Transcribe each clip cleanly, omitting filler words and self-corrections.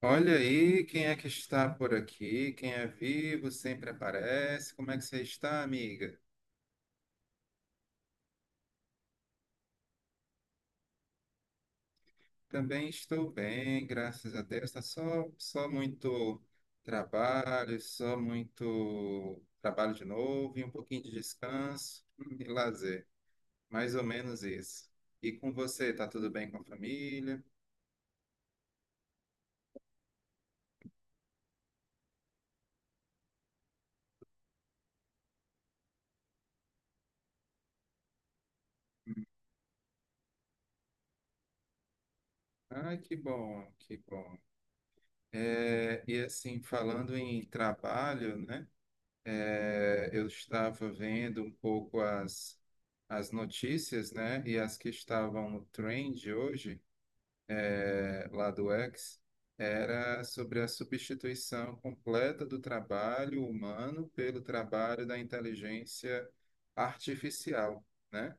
Olha aí quem é que está por aqui. Quem é vivo sempre aparece. Como é que você está, amiga? Também estou bem, graças a Deus. Tá só muito trabalho, só muito trabalho de novo e um pouquinho de descanso e lazer. Mais ou menos isso. E com você, tá tudo bem com a família? Ah, que bom, que bom. E assim, falando em trabalho, né? Eu estava vendo um pouco as notícias, né? E as que estavam no trend hoje, lá do X, era sobre a substituição completa do trabalho humano pelo trabalho da inteligência artificial, né?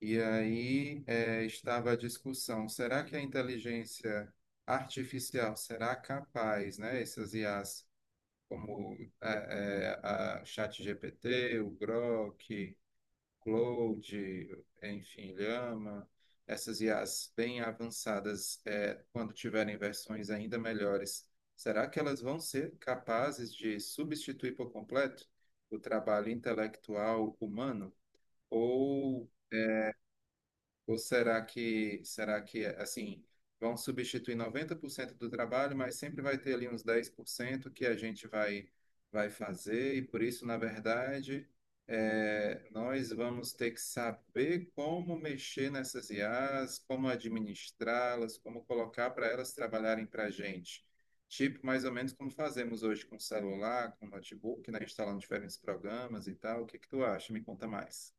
E aí, estava a discussão, será que a inteligência artificial será capaz, né? Essas IAs como a ChatGPT, o Grok, Claude, enfim, Llama, essas IAs bem avançadas, quando tiverem versões ainda melhores, será que elas vão ser capazes de substituir por completo o trabalho intelectual humano? Ou ou será que, assim, vão substituir 90% do trabalho, mas sempre vai ter ali uns 10% que a gente vai fazer, e por isso, na verdade, nós vamos ter que saber como mexer nessas IAs, como administrá-las, como colocar para elas trabalharem para a gente. Tipo, mais ou menos como fazemos hoje com celular, com notebook, né? Instalando diferentes programas e tal. O que que tu acha? Me conta mais.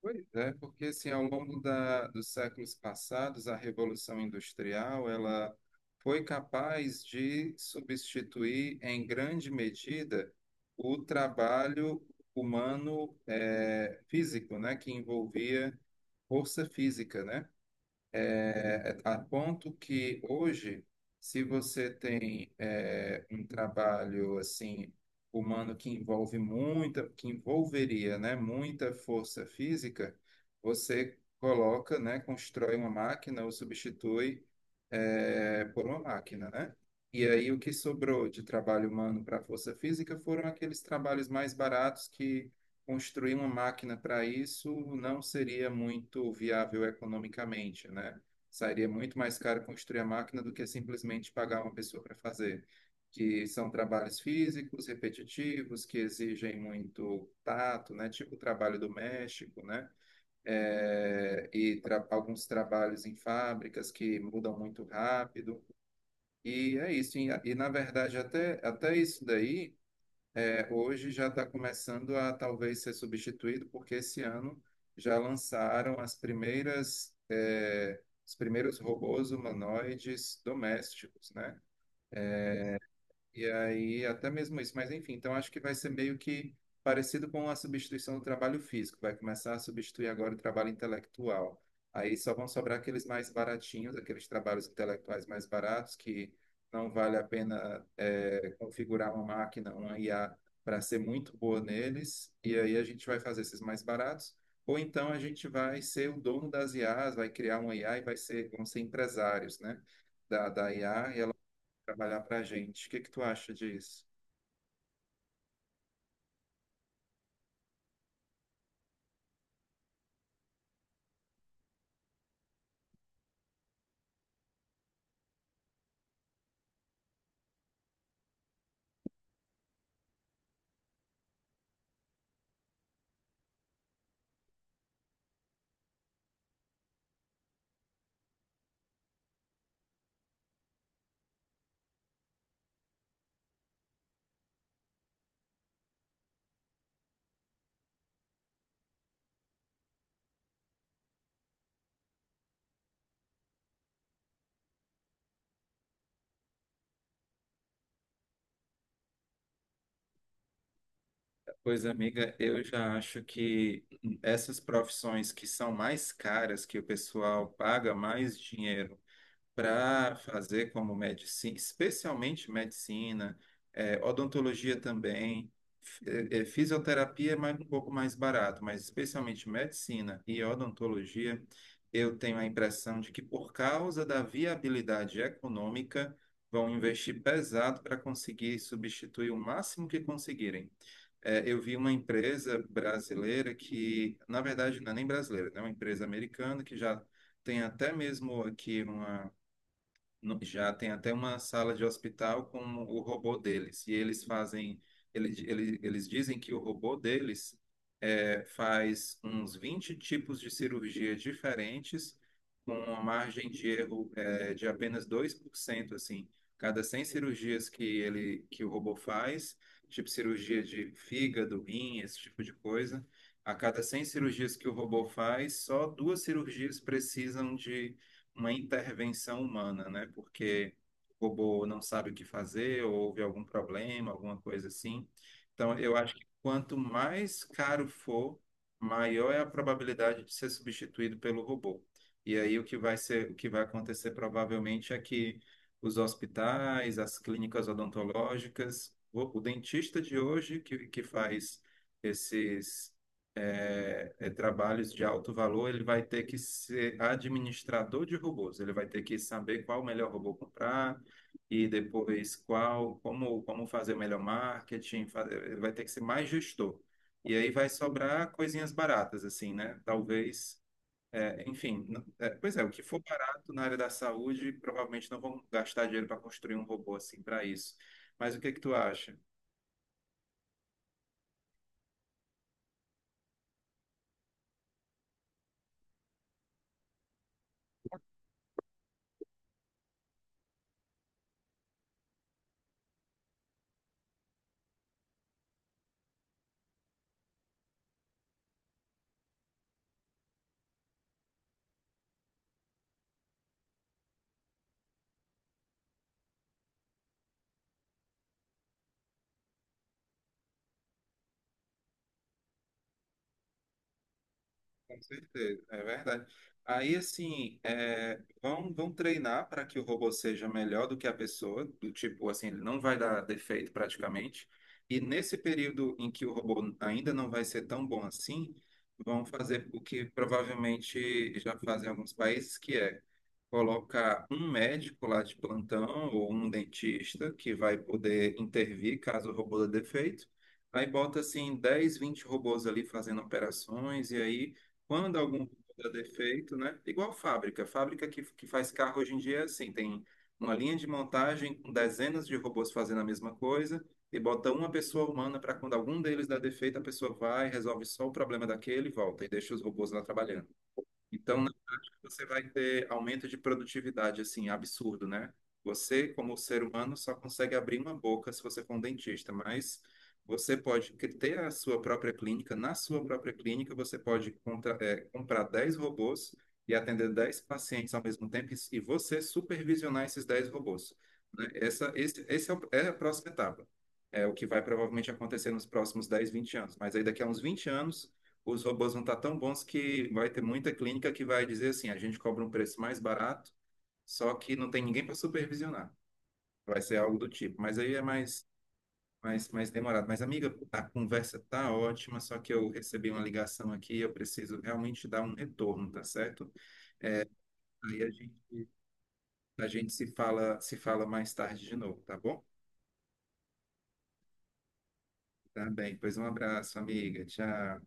Pois é, porque assim, ao longo dos séculos passados, a Revolução Industrial, ela foi capaz de substituir, em grande medida, o trabalho humano físico, né, que envolvia força física, né? é, a ponto que hoje, se você tem um trabalho assim humano que envolve muita, que envolveria, né, muita força física, você coloca, né, constrói uma máquina ou substitui por uma máquina, né? E aí o que sobrou de trabalho humano para força física foram aqueles trabalhos mais baratos que construir uma máquina para isso não seria muito viável economicamente, né? Sairia muito mais caro construir a máquina do que simplesmente pagar uma pessoa para fazer, que são trabalhos físicos, repetitivos, que exigem muito tato, né? Tipo o trabalho doméstico, né? E alguns trabalhos em fábricas que mudam muito rápido. E é isso. Na verdade, até isso daí hoje já está começando a talvez ser substituído, porque esse ano já lançaram as primeiras, os primeiros robôs humanoides domésticos, né? E aí, até mesmo isso, mas enfim, então acho que vai ser meio que parecido com a substituição do trabalho físico, vai começar a substituir agora o trabalho intelectual. Aí só vão sobrar aqueles mais baratinhos, aqueles trabalhos intelectuais mais baratos, que não vale a pena configurar uma máquina, uma IA, para ser muito boa neles, e aí a gente vai fazer esses mais baratos, ou então a gente vai ser o dono das IAs, vai criar uma IA e vai ser, vão ser empresários, né? Da IA, trabalhar para a gente. O que que tu acha disso? Pois, amiga, eu já acho que essas profissões que são mais caras, que o pessoal paga mais dinheiro para fazer como medicina, especialmente medicina, odontologia também, fisioterapia é mais, um pouco mais barato, mas especialmente medicina e odontologia, eu tenho a impressão de que por causa da viabilidade econômica, vão investir pesado para conseguir substituir o máximo que conseguirem. Eu vi uma empresa brasileira que, na verdade, não é nem brasileira, né? É uma empresa americana que já tem até mesmo aqui uma já tem até uma sala de hospital com o robô deles. E eles fazem, eles dizem que o robô deles faz uns 20 tipos de cirurgia diferentes, com uma margem de erro de apenas 2% assim. Cada 100 cirurgias que o robô faz, tipo cirurgia de fígado, rim, esse tipo de coisa, a cada 100 cirurgias que o robô faz, só duas cirurgias precisam uma intervenção humana, né? Porque o robô não sabe o que fazer, ou houve algum problema, alguma coisa assim. Então, eu acho que quanto mais caro for, maior é a probabilidade de ser substituído pelo robô. E aí o que vai ser, o que vai acontecer provavelmente é que os hospitais, as clínicas odontológicas, o dentista de hoje que faz esses trabalhos de alto valor, ele vai ter que ser administrador de robôs. Ele vai ter que saber qual o melhor robô comprar e depois qual, como, como fazer o melhor marketing. Ele vai ter que ser mais gestor. E aí vai sobrar coisinhas baratas, assim, né? Talvez, enfim, pois é, o que for barato na área da saúde, provavelmente não vão gastar dinheiro para construir um robô assim para isso. Mas o que que tu acha? Com certeza, é verdade. Aí, assim, vão treinar para que o robô seja melhor do que a pessoa, do tipo, assim, ele não vai dar defeito praticamente. E nesse período em que o robô ainda não vai ser tão bom assim, vão fazer o que provavelmente já fazem em alguns países, que é colocar um médico lá de plantão ou um dentista que vai poder intervir caso o robô dê defeito. Aí bota assim 10, 20 robôs ali fazendo operações, e aí quando algum robô dá defeito, né? Igual fábrica, que faz carro hoje em dia é assim, tem uma linha de montagem com dezenas de robôs fazendo a mesma coisa, e bota uma pessoa humana para quando algum deles dá defeito, a pessoa vai, resolve só o problema daquele e volta, e deixa os robôs lá trabalhando. Então, na prática, você vai ter aumento de produtividade, assim, absurdo, né? Você, como ser humano, só consegue abrir uma boca se você for um dentista, mas você pode ter a sua própria clínica. Na sua própria clínica, você pode comprar 10 robôs e atender 10 pacientes ao mesmo tempo e você supervisionar esses 10 robôs, né? Essa, esse é, o- É a próxima etapa. É o que vai provavelmente acontecer nos próximos 10, 20 anos. Mas aí, daqui a uns 20 anos, os robôs vão estar tão bons que vai ter muita clínica que vai dizer assim, a gente cobra um preço mais barato, só que não tem ninguém para supervisionar. Vai ser algo do tipo, mas aí é mais, mais demorado. Mas, amiga, a conversa tá ótima, só que eu recebi uma ligação aqui e eu preciso realmente dar um retorno, tá certo? Aí a gente se fala mais tarde de novo, tá bom? Tá bem, pois um abraço, amiga. Tchau.